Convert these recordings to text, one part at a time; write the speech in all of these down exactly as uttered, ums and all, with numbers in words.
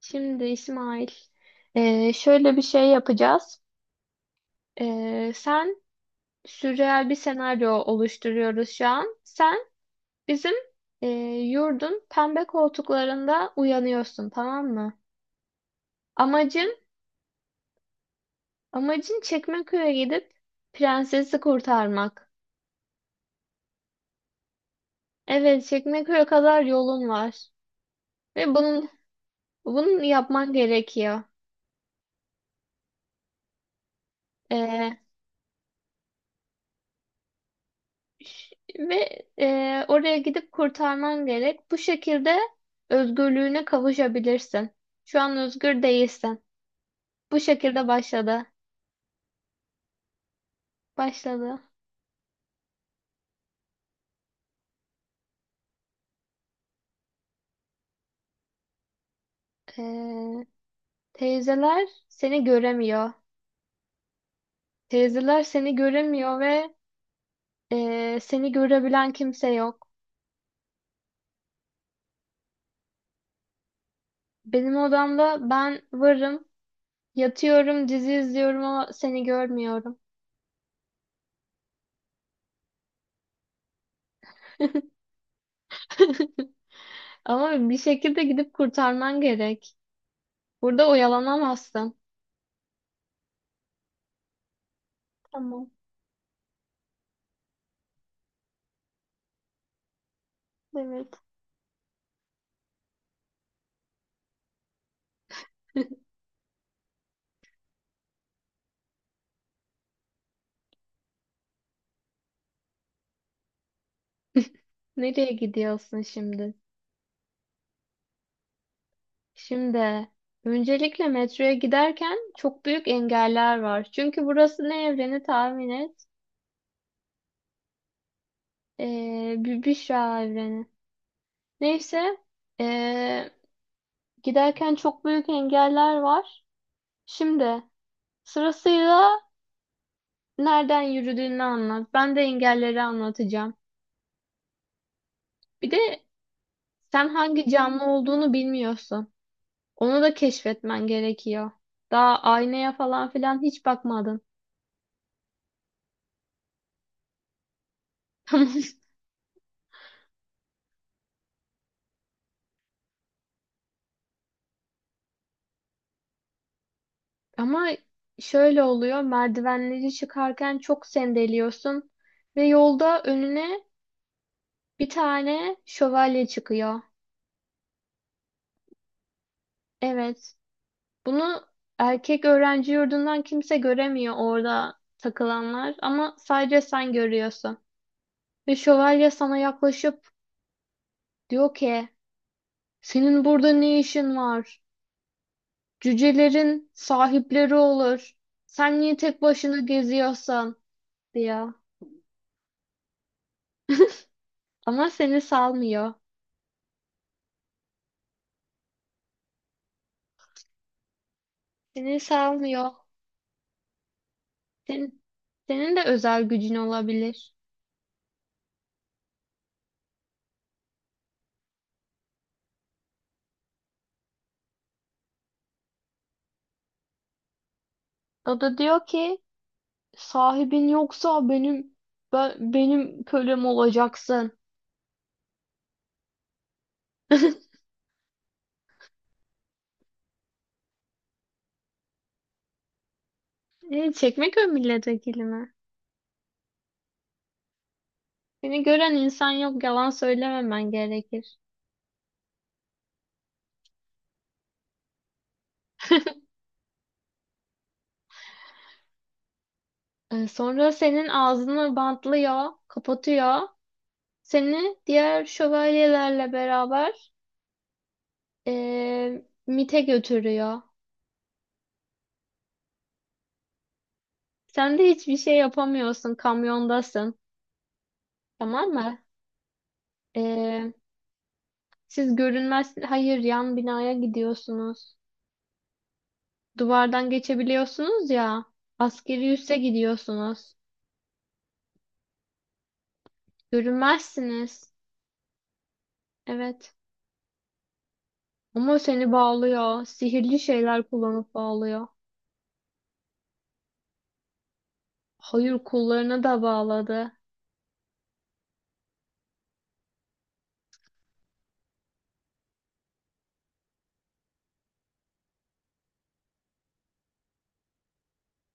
Şimdi İsmail, e, şöyle bir şey yapacağız. E, sen sürreal bir senaryo oluşturuyoruz şu an. Sen bizim e, yurdun pembe koltuklarında uyanıyorsun, tamam mı? Amacın, amacın Çekmeköy'e gidip prensesi kurtarmak. Evet, Çekmeköy'e kadar yolun var ve bunun bunun yapman gerekiyor. Ve e, oraya gidip kurtarman gerek. Bu şekilde özgürlüğüne kavuşabilirsin. Şu an özgür değilsin. Bu şekilde başladı. Başladı. E, Teyzeler seni göremiyor. Teyzeler seni göremiyor ve e, seni görebilen kimse yok. Benim odamda ben varım. Yatıyorum, dizi izliyorum ama seni görmüyorum. Ama bir şekilde gidip kurtarman gerek. Burada oyalanamazsın. Tamam. Evet. Nereye gidiyorsun şimdi? Şimdi öncelikle metroya giderken çok büyük engeller var. Çünkü burası ne evreni tahmin et? Ee, bir Büşra evreni. Neyse ee, giderken çok büyük engeller var. Şimdi sırasıyla nereden yürüdüğünü anlat. Ben de engelleri anlatacağım. Bir de sen hangi canlı olduğunu bilmiyorsun. Onu da keşfetmen gerekiyor. Daha aynaya falan filan hiç bakmadın. Tamam. Ama şöyle oluyor, merdivenleri çıkarken çok sendeliyorsun ve yolda önüne bir tane şövalye çıkıyor. Evet, bunu erkek öğrenci yurdundan kimse göremiyor orada takılanlar ama sadece sen görüyorsun. Ve şövalye sana yaklaşıp diyor ki, senin burada ne işin var? Cücelerin sahipleri olur. Sen niye tek başına geziyorsun? Diyor. Ama seni salmıyor. Seni salmıyor. Senin, senin de özel gücün olabilir. O da diyor ki sahibin yoksa benim ben, benim kölem olacaksın. E, Çekmeköy milletvekili mi? Seni gören insan yok yalan söylememen gerekir. E, sonra senin ağzını bantlıyor, kapatıyor. Seni diğer şövalyelerle beraber e, M I T'e götürüyor. Sen de hiçbir şey yapamıyorsun, kamyondasın. Tamam mı? E, Siz görünmez, hayır yan binaya gidiyorsunuz. Duvardan geçebiliyorsunuz ya. Askeri üsse gidiyorsunuz. Görünmezsiniz. Evet. Ama seni bağlıyor. Sihirli şeyler kullanıp bağlıyor. Hayır kollarına da bağladı.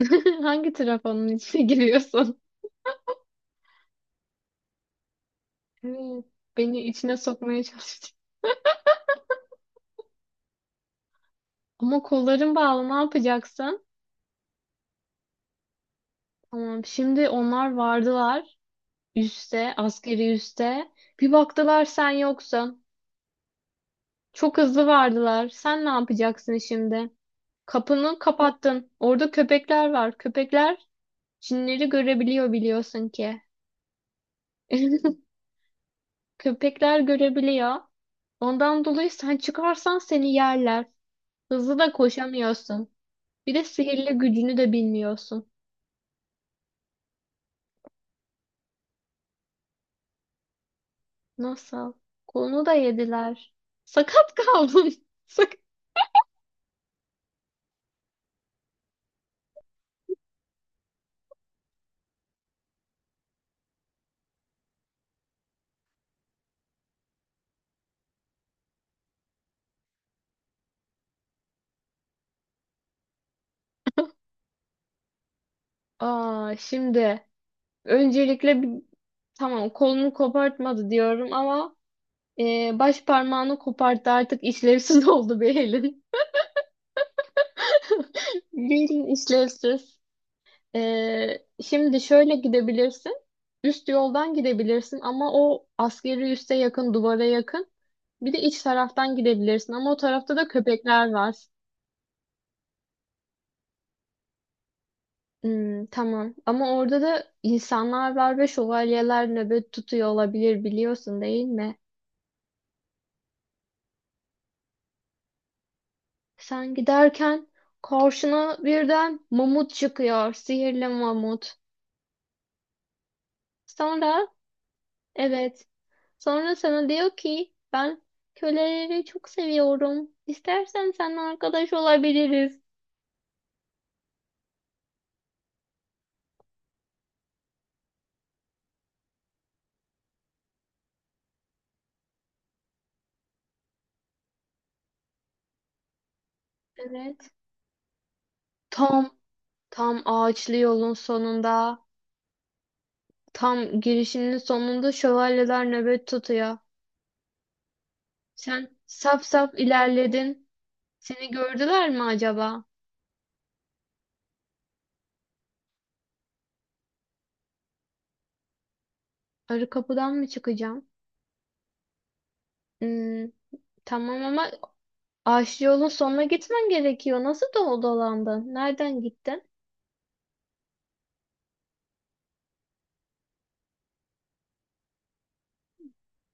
Hangi trafonun içine giriyorsun? Evet. Beni içine sokmaya çalıştı. Ama kolların bağlı ne yapacaksın? Tamam şimdi onlar vardılar. Üste, askeri üste. Bir baktılar sen yoksun. Çok hızlı vardılar. Sen ne yapacaksın şimdi? Kapını kapattın. Orada köpekler var. Köpekler cinleri görebiliyor biliyorsun ki. Köpekler görebiliyor. Ondan dolayı sen çıkarsan seni yerler. Hızlı da koşamıyorsun. Bir de sihirli gücünü de bilmiyorsun. Nasıl? Kolunu da yediler. Sakat kaldın. Sak Aa, şimdi öncelikle bir- tamam kolunu kopartmadı diyorum ama Ee, baş parmağını koparttı artık işlevsiz oldu bir elin. Bir elin işlevsiz. Ee, şimdi şöyle gidebilirsin. Üst yoldan gidebilirsin ama o askeri üste yakın, duvara yakın. Bir de iç taraftan gidebilirsin ama o tarafta da köpekler var. Hmm, tamam ama orada da insanlar var ve şövalyeler nöbet tutuyor olabilir biliyorsun değil mi? Sen giderken karşına birden mamut çıkıyor, sihirli mamut. Sonra Evet. Sonra sana diyor ki ben köleleri çok seviyorum. İstersen seninle arkadaş olabiliriz. Evet. Tam tam ağaçlı yolun sonunda, tam girişinin sonunda şövalyeler nöbet tutuyor. Sen saf saf ilerledin. Seni gördüler mi acaba? Arı kapıdan mı çıkacağım? Hmm, tamam ama ağaçlı yolun sonuna gitmen gerekiyor. Nasıl do- dolandın? Nereden gittin?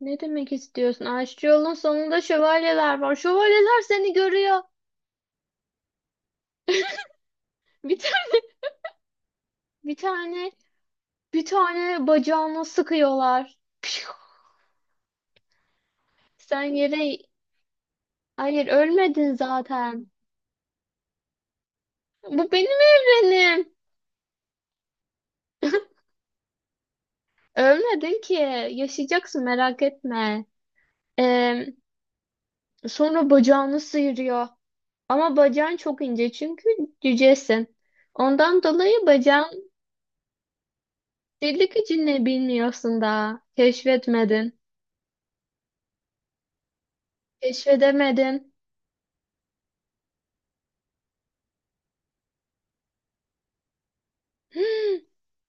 Ne demek istiyorsun? Aşçı yolun sonunda şövalyeler var. Şövalyeler seni görüyor. Bir tane, bir tane, bir tane bacağına sıkıyorlar. Pişu! Sen yere... Hayır, ölmedin zaten. Bu benim evrenim. Ölmedin ki. Yaşayacaksın merak etme. Ee, Sonra bacağını sıyırıyor. Ama bacağın çok ince çünkü cücesin. Ondan dolayı bacağın delik içinde bilmiyorsun daha. Keşfetmedin. Keşfedemedin.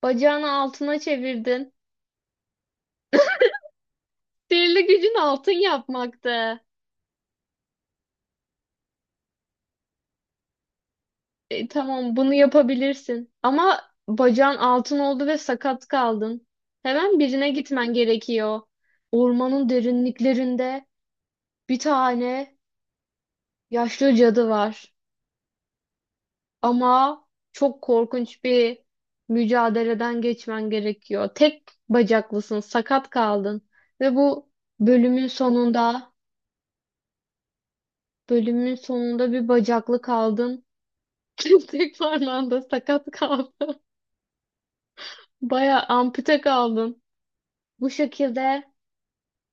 Bacağını altına çevirdin. Sihirli gücün altın yapmaktı. E, tamam bunu yapabilirsin. Ama bacağın altın oldu ve sakat kaldın. Hemen birine gitmen gerekiyor. Ormanın derinliklerinde bir tane yaşlı cadı var. Ama çok korkunç bir mücadeleden geçmen gerekiyor. Tek bacaklısın, sakat kaldın. Ve bu bölümün sonunda, bölümün sonunda bir bacaklı kaldın. Tek parmağında sakat kaldın. Baya ampute kaldın. Bu şekilde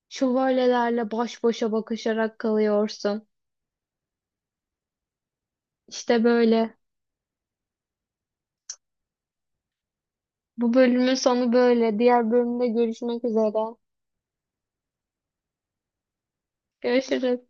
şövalyelerle baş başa bakışarak kalıyorsun. İşte böyle. Bu bölümün sonu böyle. Diğer bölümde görüşmek üzere. Görüşürüz.